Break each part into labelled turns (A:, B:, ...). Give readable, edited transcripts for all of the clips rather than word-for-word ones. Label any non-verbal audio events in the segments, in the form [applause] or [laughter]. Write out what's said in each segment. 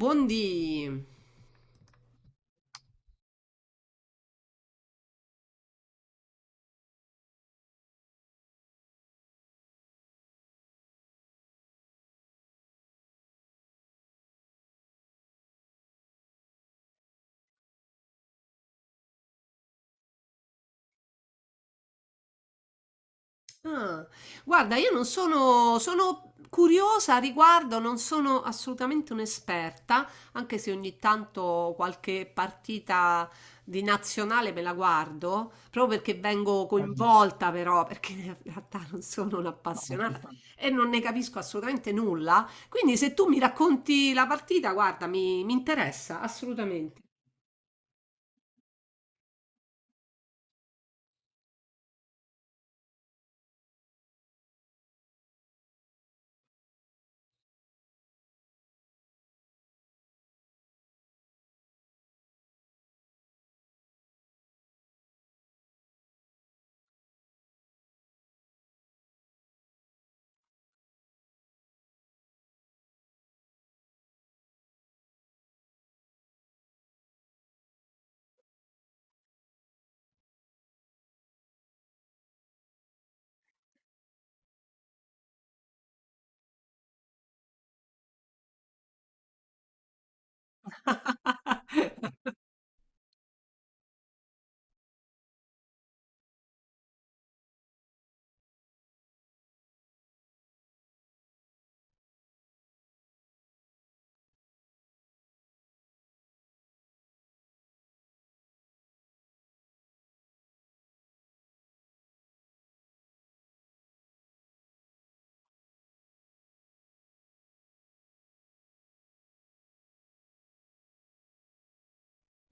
A: Buondì. Ah, guarda, io non sono, sono curiosa a riguardo, non sono assolutamente un'esperta, anche se ogni tanto qualche partita di nazionale me la guardo, proprio perché vengo coinvolta però, perché in realtà non sono un'appassionata e non ne capisco assolutamente nulla. Quindi se tu mi racconti la partita, guarda, mi interessa assolutamente.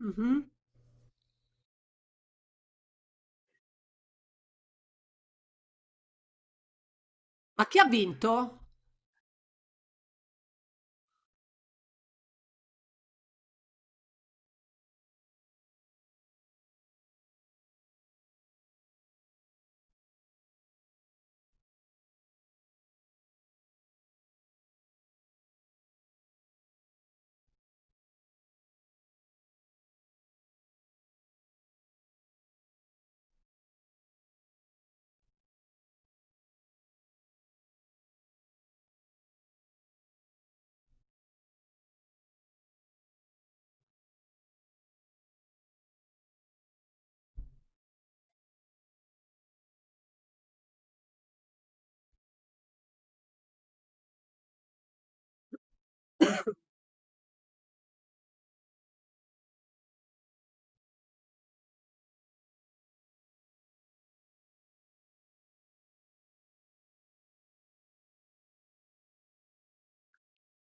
A: Mhm. Ma chi ha vinto?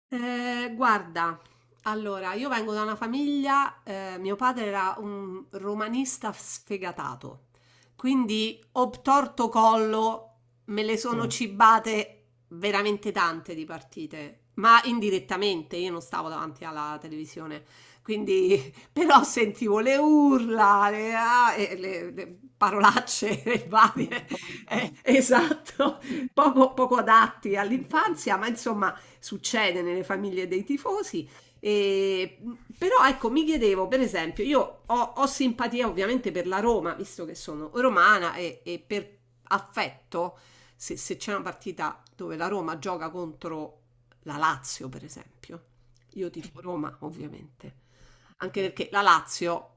A: Guarda, allora io vengo da una famiglia, mio padre era un romanista sfegatato, quindi obtorto collo me le sono cibate veramente tante di partite, ma indirettamente, io non stavo davanti alla televisione, quindi [laughs] però sentivo le urla, le, ah, e le parolacce [laughs] e varie, esatto, [laughs] poco, poco adatti all'infanzia, ma insomma succede nelle famiglie dei tifosi. E, però ecco, mi chiedevo, per esempio, io ho simpatia ovviamente per la Roma, visto che sono romana e per affetto, se c'è una partita dove la Roma gioca contro la Lazio, per esempio, io tifo Roma, ovviamente. Anche perché la Lazio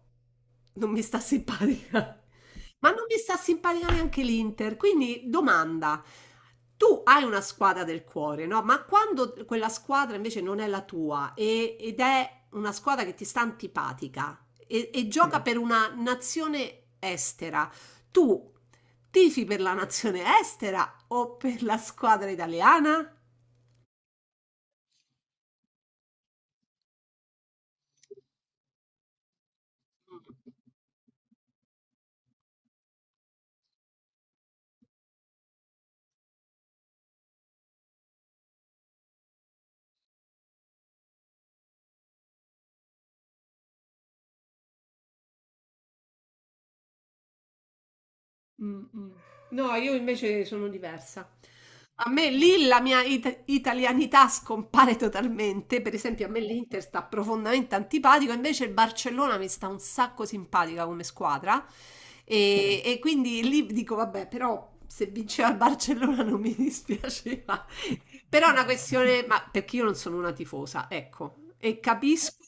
A: non mi sta simpatica. [laughs] Ma non mi sta simpatica neanche l'Inter. Quindi domanda, tu hai una squadra del cuore, no? Ma quando quella squadra invece non è la tua ed è una squadra che ti sta antipatica e gioca Mm. per una nazione estera, tu tifi per la nazione estera o per la squadra italiana? No, io invece sono diversa. A me lì la mia italianità scompare totalmente. Per esempio, a me l'Inter sta profondamente antipatico, invece il Barcellona mi sta un sacco simpatica come squadra. E quindi lì dico, vabbè, però se vinceva il Barcellona non mi [laughs] dispiaceva. Però è una questione, ma perché io non sono una tifosa, ecco, e capisco.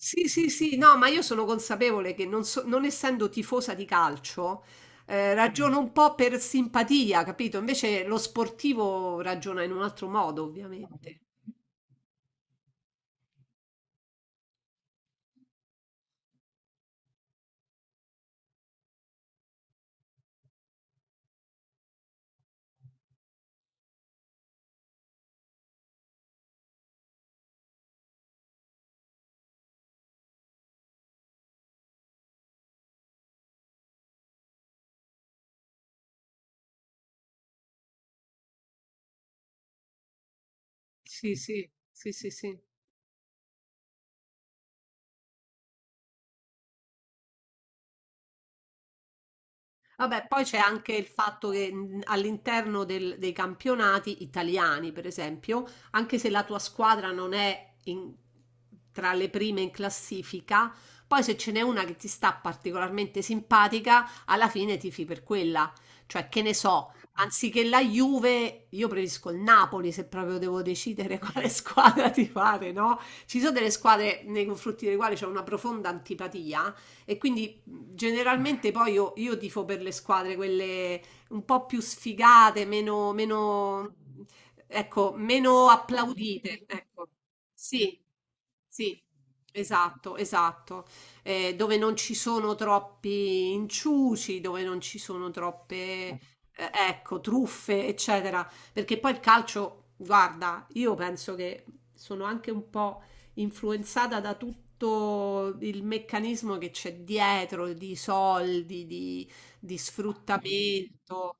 A: Sì, sì, sì, no, ma io sono consapevole che non, non essendo tifosa di calcio, ragiono un po' per simpatia, capito? Invece lo sportivo ragiona in un altro modo, ovviamente. Sì, sì, sì, sì, sì. Vabbè, poi c'è anche il fatto che all'interno dei campionati italiani, per esempio, anche se la tua squadra non è tra le prime in classifica, poi se ce n'è una che ti sta particolarmente simpatica, alla fine tifi per quella. Cioè, che ne so, anziché la Juve, io preferisco il Napoli se proprio devo decidere [laughs] quale squadra tifare, no? Ci sono delle squadre nei confronti delle quali c'è una profonda antipatia e quindi generalmente poi io tifo per le squadre, quelle un po' più sfigate, meno, meno, ecco, meno applaudite. Ecco. Sì, sì, esatto, esatto. Dove non ci sono troppi inciuci, dove non ci sono troppe, ecco, truffe, eccetera. Perché poi il calcio, guarda, io penso che sono anche un po' influenzata da tutto il meccanismo che c'è dietro di soldi, di sfruttamento.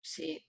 A: Sì,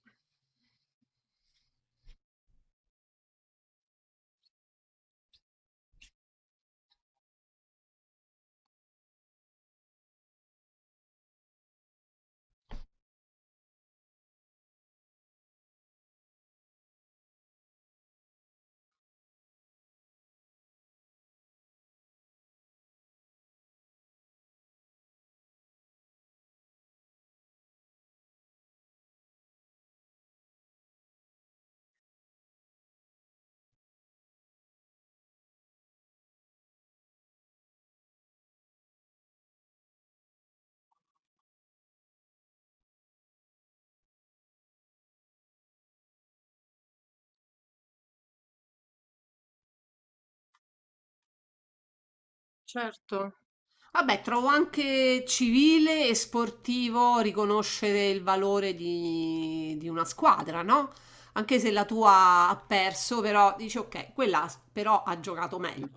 A: vabbè, trovo anche civile e sportivo riconoscere il valore di una squadra, no? Anche se la tua ha perso, però dici ok, quella però ha giocato meglio.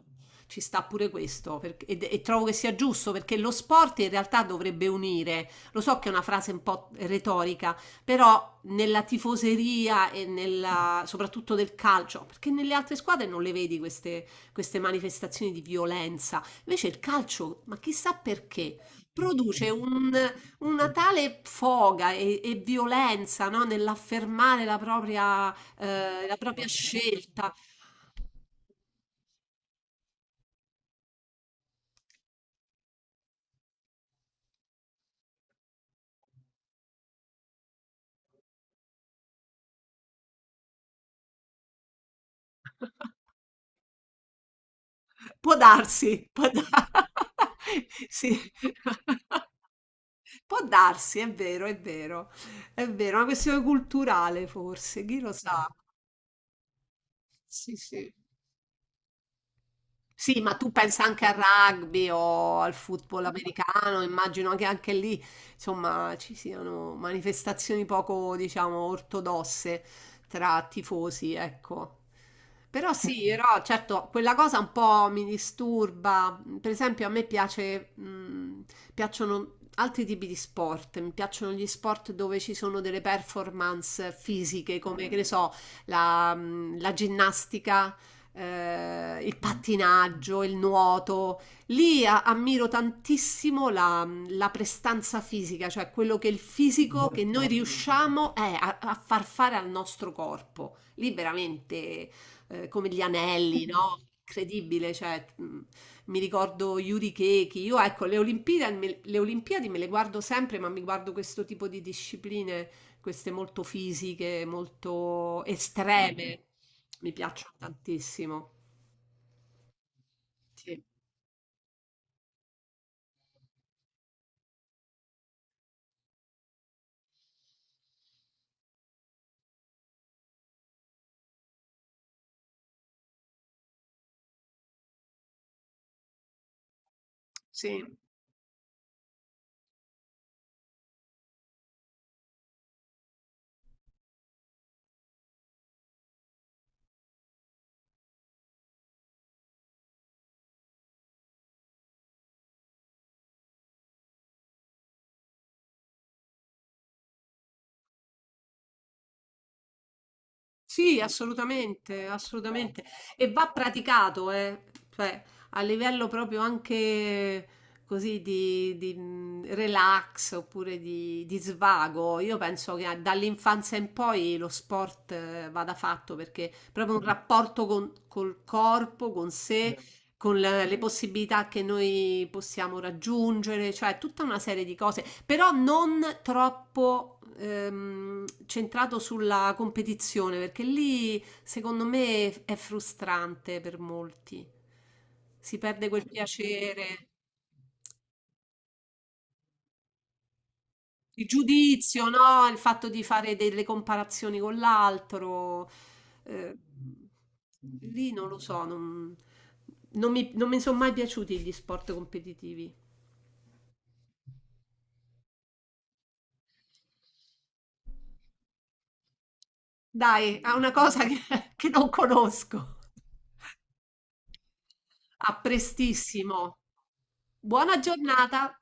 A: Ci sta pure questo, e trovo che sia giusto perché lo sport in realtà dovrebbe unire. Lo so che è una frase un po' retorica, però nella tifoseria e nella, soprattutto del calcio, perché nelle altre squadre non le vedi queste queste manifestazioni di violenza. Invece il calcio, ma chissà perché, produce una tale foga e violenza, no, nell'affermare la propria scelta. Può darsi, [laughs] sì. [laughs] Può darsi, è vero, è vero, è vero, è una questione culturale forse, chi lo sa. Sì, ma tu pensa anche al rugby o al football americano, immagino che anche lì, insomma, ci siano manifestazioni poco, diciamo, ortodosse tra tifosi, ecco. Però sì, [laughs] però certo, quella cosa un po' mi disturba. Per esempio, a me piace, piacciono altri tipi di sport, mi piacciono gli sport dove ci sono delle performance fisiche, come che ne so, la, la ginnastica il pattinaggio, il nuoto. Lì ammiro tantissimo la, la prestanza fisica, cioè quello che è il fisico che noi riusciamo a, a far fare al nostro corpo. Lì veramente come gli anelli, no? Incredibile, cioè, mi ricordo Yuri Keki. Io ecco, le Olimpiadi, le Olimpiadi me le guardo sempre, ma mi guardo questo tipo di discipline queste molto fisiche, molto estreme, mi piacciono tantissimo. Sì, sì, assolutamente, assolutamente. E va praticato, eh. Cioè, a livello proprio anche così di, relax oppure di svago. Io penso che dall'infanzia in poi lo sport vada fatto perché proprio un rapporto con, col corpo, con sé, con le possibilità che noi possiamo raggiungere, cioè tutta una serie di cose, però non troppo centrato sulla competizione, perché lì secondo me è frustrante per molti. Si perde quel piacere, il giudizio, no? Il fatto di fare delle comparazioni con l'altro. Eh, lì non lo so, non mi sono mai piaciuti gli sport competitivi. Dai, a una cosa che, [laughs] che non conosco. A prestissimo. Buona giornata.